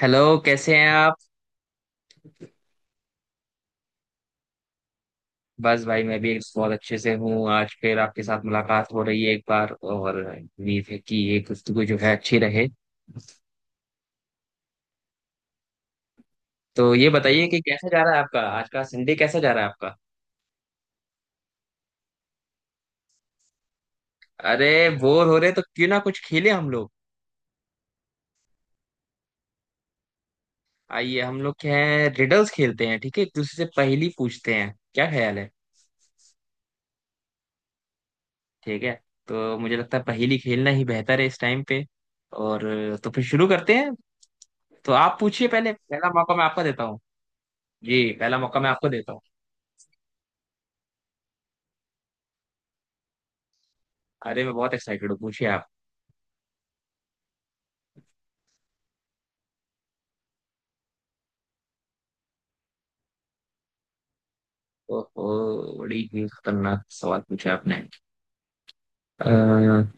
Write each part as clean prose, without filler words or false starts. Hello, कैसे हैं आप? बस भाई, मैं भी एक बहुत अच्छे से हूँ। आज फिर आपके साथ मुलाकात हो रही है एक बार, और उम्मीद है कि ये गुफ्तगू जो है अच्छी रहे। तो ये बताइए कि कैसा जा रहा है आपका, आज का संडे कैसा जा रहा है आपका? अरे बोर हो रहे तो क्यों ना कुछ खेले हम लोग। आइए हम लोग, क्या है, रिडल्स खेलते हैं। ठीक है, एक दूसरे से पहेली पूछते हैं, क्या ख्याल है? ठीक है। तो मुझे लगता है पहेली खेलना ही बेहतर है इस टाइम पे। और तो फिर शुरू करते हैं। तो आप पूछिए पहले, पहला मौका मैं आपको देता हूँ। जी, पहला मौका मैं आपको देता हूँ। अरे मैं बहुत एक्साइटेड हूँ, पूछिए आप। ओहो, बड़ी ही खतरनाक सवाल पूछा आपने। अ,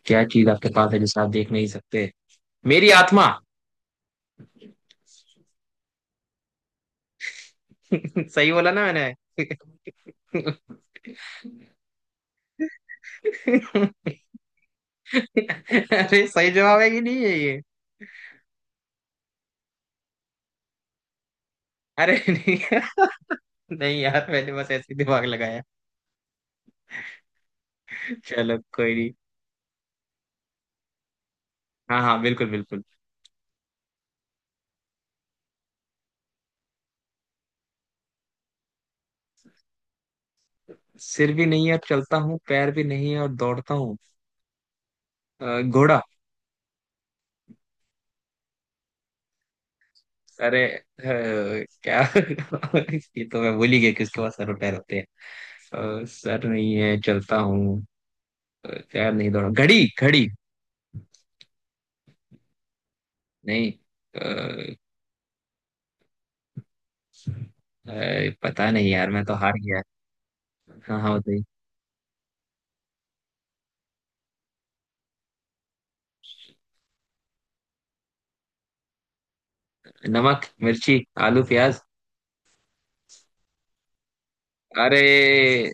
क्या चीज आपके पास है जिसे आप देख नहीं सकते? मेरी आत्मा। सही बोला ना मैंने? अरे सही जवाब है कि नहीं है ये? अरे नहीं, नहीं यार, मैंने बस ऐसे ही दिमाग लगाया। चलो कोई नहीं। हाँ हाँ, बिल्कुल बिल्कुल। सिर भी नहीं है और चलता हूँ, पैर भी नहीं है और दौड़ता हूँ। घोड़ा। अरे क्या ये तो मैं भूल ही गया कि उसके पास सर और पैर होते हैं। सर नहीं है चलता हूँ। पैर नहीं दौड़ा घड़ी घड़ी। नहीं। अ, पता नहीं यार, मैं तो हार गया। हाँ हाँ, बताइए। नमक मिर्ची, आलू प्याज। अरे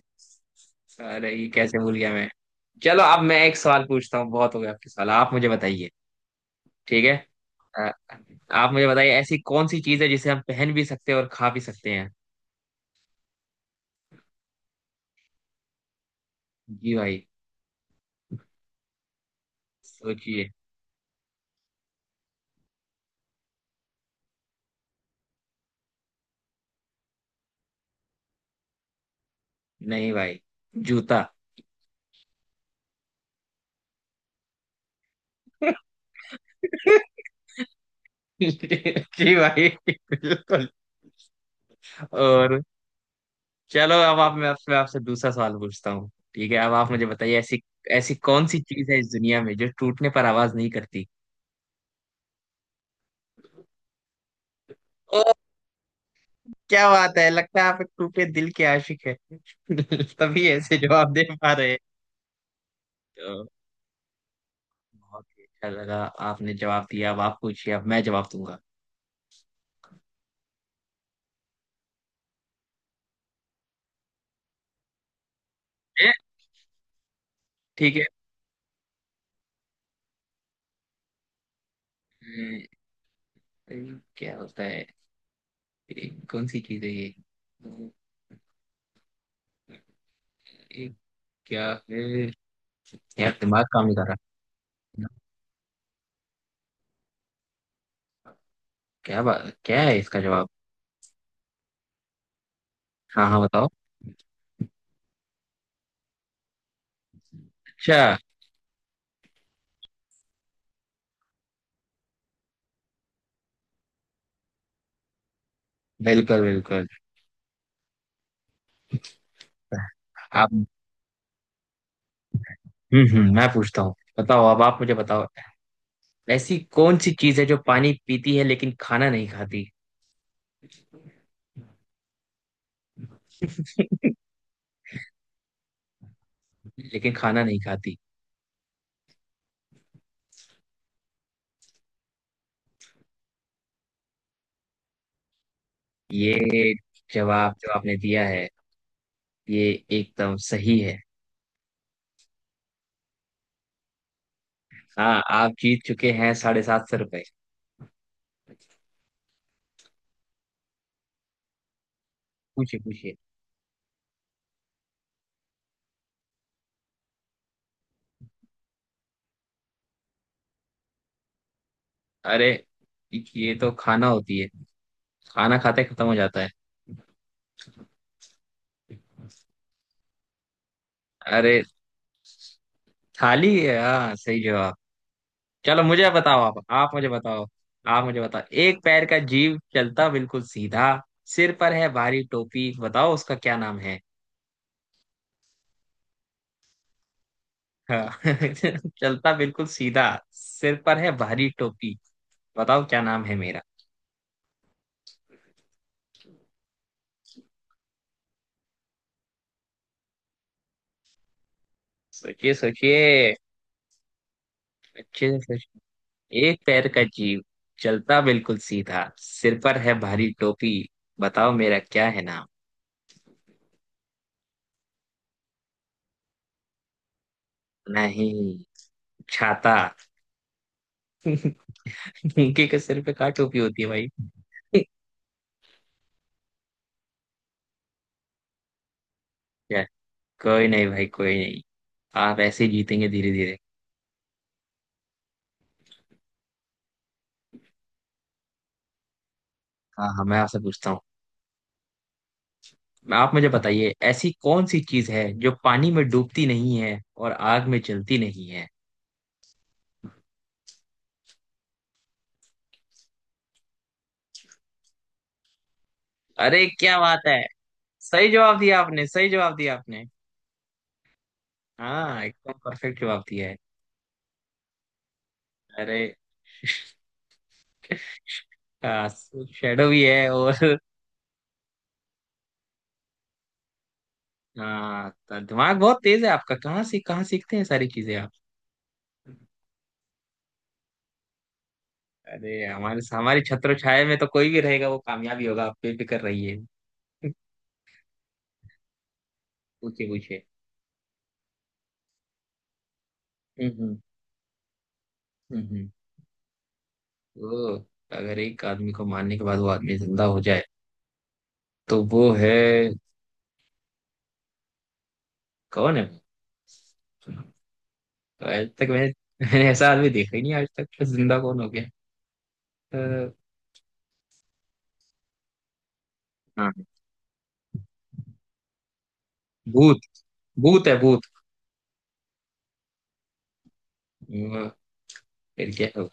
अरे, ये कैसे भूल गया मैं? चलो अब मैं एक सवाल पूछता हूँ, बहुत हो गया आपके सवाल, आप मुझे बताइए। ठीक है। अ, आप मुझे बताइए, ऐसी कौन सी चीज है जिसे हम पहन भी सकते हैं और खा भी सकते हैं? जी भाई, सोचिए। नहीं भाई, जूता। जी भाई, बिल्कुल। और चलो, अब आप, मैं आपसे आपसे दूसरा सवाल पूछता हूँ, ठीक है? अब आप मुझे बताइए, ऐसी ऐसी कौन सी चीज है इस दुनिया में जो टूटने पर आवाज नहीं करती? ओ, क्या बात है, लगता है आप एक टूटे दिल के आशिक है तभी ऐसे जवाब दे पा रहे हैं। तो बहुत ही अच्छा लगा, आपने जवाब दिया। अब आप पूछिए, अब मैं जवाब दूंगा। ए, ठीक है। अम्म, क्या होता है? कौन सी चीज है ये? क्या है? यार दिमाग काम नहीं कर रहा। क्या बा... क्या है इसका जवाब? हाँ हाँ, बताओ। अच्छा। बिल्कुल बिल्कुल। आप। मैं पूछता हूँ। बताओ, अब आप मुझे बताओ। ऐसी कौन सी चीज है जो पानी पीती है लेकिन खाना नहीं खाती? लेकिन खाना नहीं खाती। ये जवाब जो आपने दिया है, ये एकदम सही है। हाँ, आप जीत चुके हैं 750 रुपए। पूछिए पूछिए। अरे ये तो खाना होती है, खाना खाते खत्म हो जाता है। अरे थाली है, हाँ सही जवाब। चलो मुझे बताओ, आप मुझे बताओ। आप मुझे बताओ, एक पैर का जीव चलता बिल्कुल सीधा, सिर पर है भारी टोपी, बताओ उसका क्या नाम है? हाँ। चलता बिल्कुल सीधा, सिर पर है भारी टोपी, बताओ क्या नाम है मेरा? सोचिए सोचिए, अच्छे से सोचिए, एक पैर का जीव, चलता बिल्कुल सीधा, सिर पर है भारी टोपी, बताओ मेरा क्या है नाम? नहीं, छाता। उनके के सिर पे का टोपी होती है भाई। क्या? कोई नहीं भाई, कोई नहीं। आप ऐसे ही जीतेंगे धीरे धीरे। हाँ हाँ, मैं आपसे पूछता हूँ। आप मुझे बताइए, ऐसी कौन सी चीज है जो पानी में डूबती नहीं है और आग में जलती नहीं है? अरे क्या बात है, सही जवाब दिया आपने, सही जवाब दिया आपने। हाँ, एकदम परफेक्ट जवाब दिया है। अरे शेडो भी है और हाँ तो दिमाग बहुत तेज है आपका, कहाँ से कहाँ सीखते हैं सारी चीजें आप? अरे हमारे हमारी छत्र छाया में तो कोई भी रहेगा वो कामयाबी होगा, आप बेफिक्र रहिए। पूछे पूछे। हम्म। हम्म, हम्म। वो, अगर एक आदमी को मारने के बाद वो आदमी जिंदा हो जाए तो वो है, कौन है वो? तो आज तक मैंने मैंने ऐसा आदमी देखा ही नहीं आज तक, तो जिंदा कौन हो गया? अ, हाँ भूत, भूत है भूत। अ, फिर क्या है?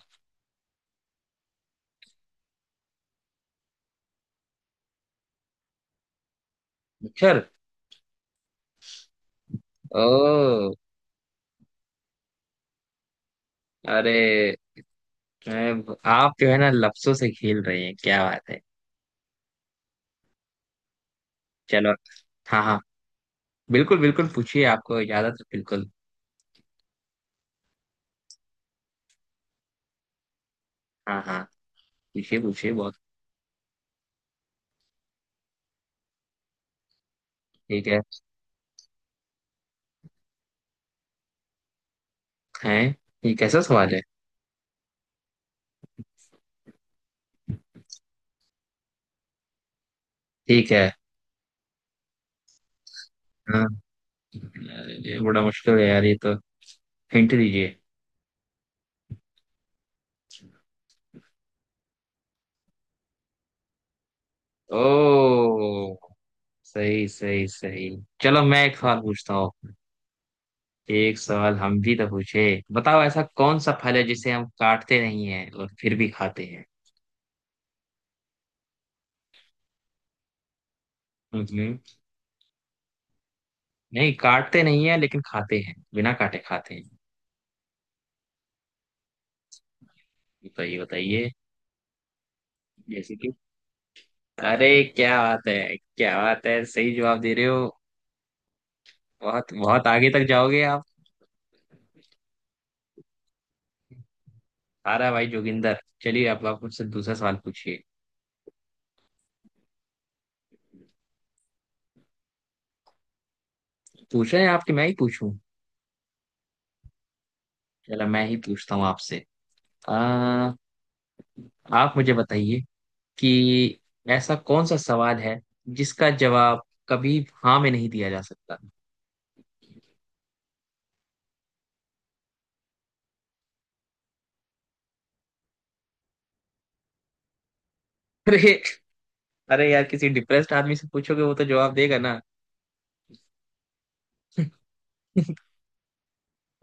मच्छर। ओ। अरे आप जो है ना, लफ्जों से खेल रहे हैं, क्या बात है। चलो। हाँ हाँ, बिल्कुल बिल्कुल, पूछिए, आपको इजाजत है बिल्कुल। हाँ हाँ, पूछिए पूछिए बहुत। ठीक है। हैं? ये कैसा सवाल है? ठीक है। हाँ। अरे ये बड़ा मुश्किल है यार, ये तो, हिंट दीजिए। ओ, सही सही सही। चलो मैं एक सवाल पूछता हूँ, एक सवाल हम भी तो पूछे। बताओ, ऐसा कौन सा फल है जिसे हम काटते नहीं हैं और फिर भी खाते हैं? मतलब, नहीं काटते नहीं है लेकिन खाते हैं, बिना काटे खाते हैं। बताइए बताइए। जैसे कि। अरे क्या बात है, क्या बात है, सही जवाब दे रहे हो। बहुत बहुत आगे तक जाओगे आप। सारा भाई जोगिंदर, चलिए अब आप मुझसे दूसरा सवाल पूछिए। पूछ रहे हैं, आपके मैं ही पूछूं? चलो मैं ही पूछता हूँ आपसे। आ, आप मुझे बताइए कि ऐसा कौन सा सवाल है जिसका जवाब कभी हाँ में नहीं दिया जा सकता? अरे, अरे यार, किसी डिप्रेस्ड आदमी से पूछोगे वो तो जवाब देगा ना।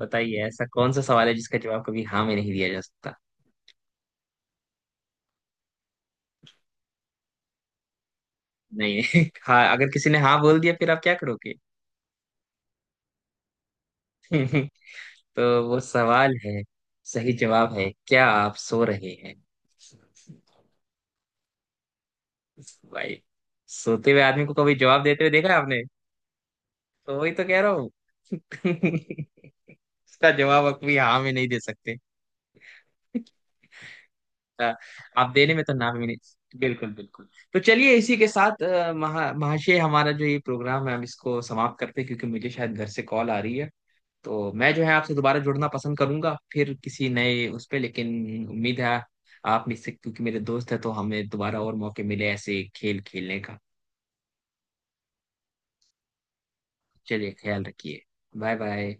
बताइए, ऐसा कौन सा सवाल है जिसका जवाब कभी हाँ में नहीं दिया जा सकता? नहीं, हाँ अगर किसी ने हाँ बोल दिया फिर आप क्या करोगे? तो वो सवाल है, सही जवाब है, क्या आप सो रहे हैं? भाई, सोते हुए आदमी को कभी जवाब देते हुए देखा है आपने? तो वही तो कह रहा हूँ। इसका जवाब आप भी हाँ में नहीं दे सकते। आ, आप देने में तो ना में नहीं, बिल्कुल बिल्कुल। तो चलिए इसी के साथ, महाशय हमारा जो ये प्रोग्राम है हम इसको समाप्त करते हैं, क्योंकि मुझे शायद घर से कॉल आ रही है। तो मैं जो है आपसे दोबारा जुड़ना पसंद करूंगा फिर किसी नए उस पे, लेकिन उम्मीद है आप मुझसे, क्योंकि मेरे दोस्त है तो हमें दोबारा और मौके मिले ऐसे खेल खेलने का। चलिए, ख्याल रखिए। Bye bye.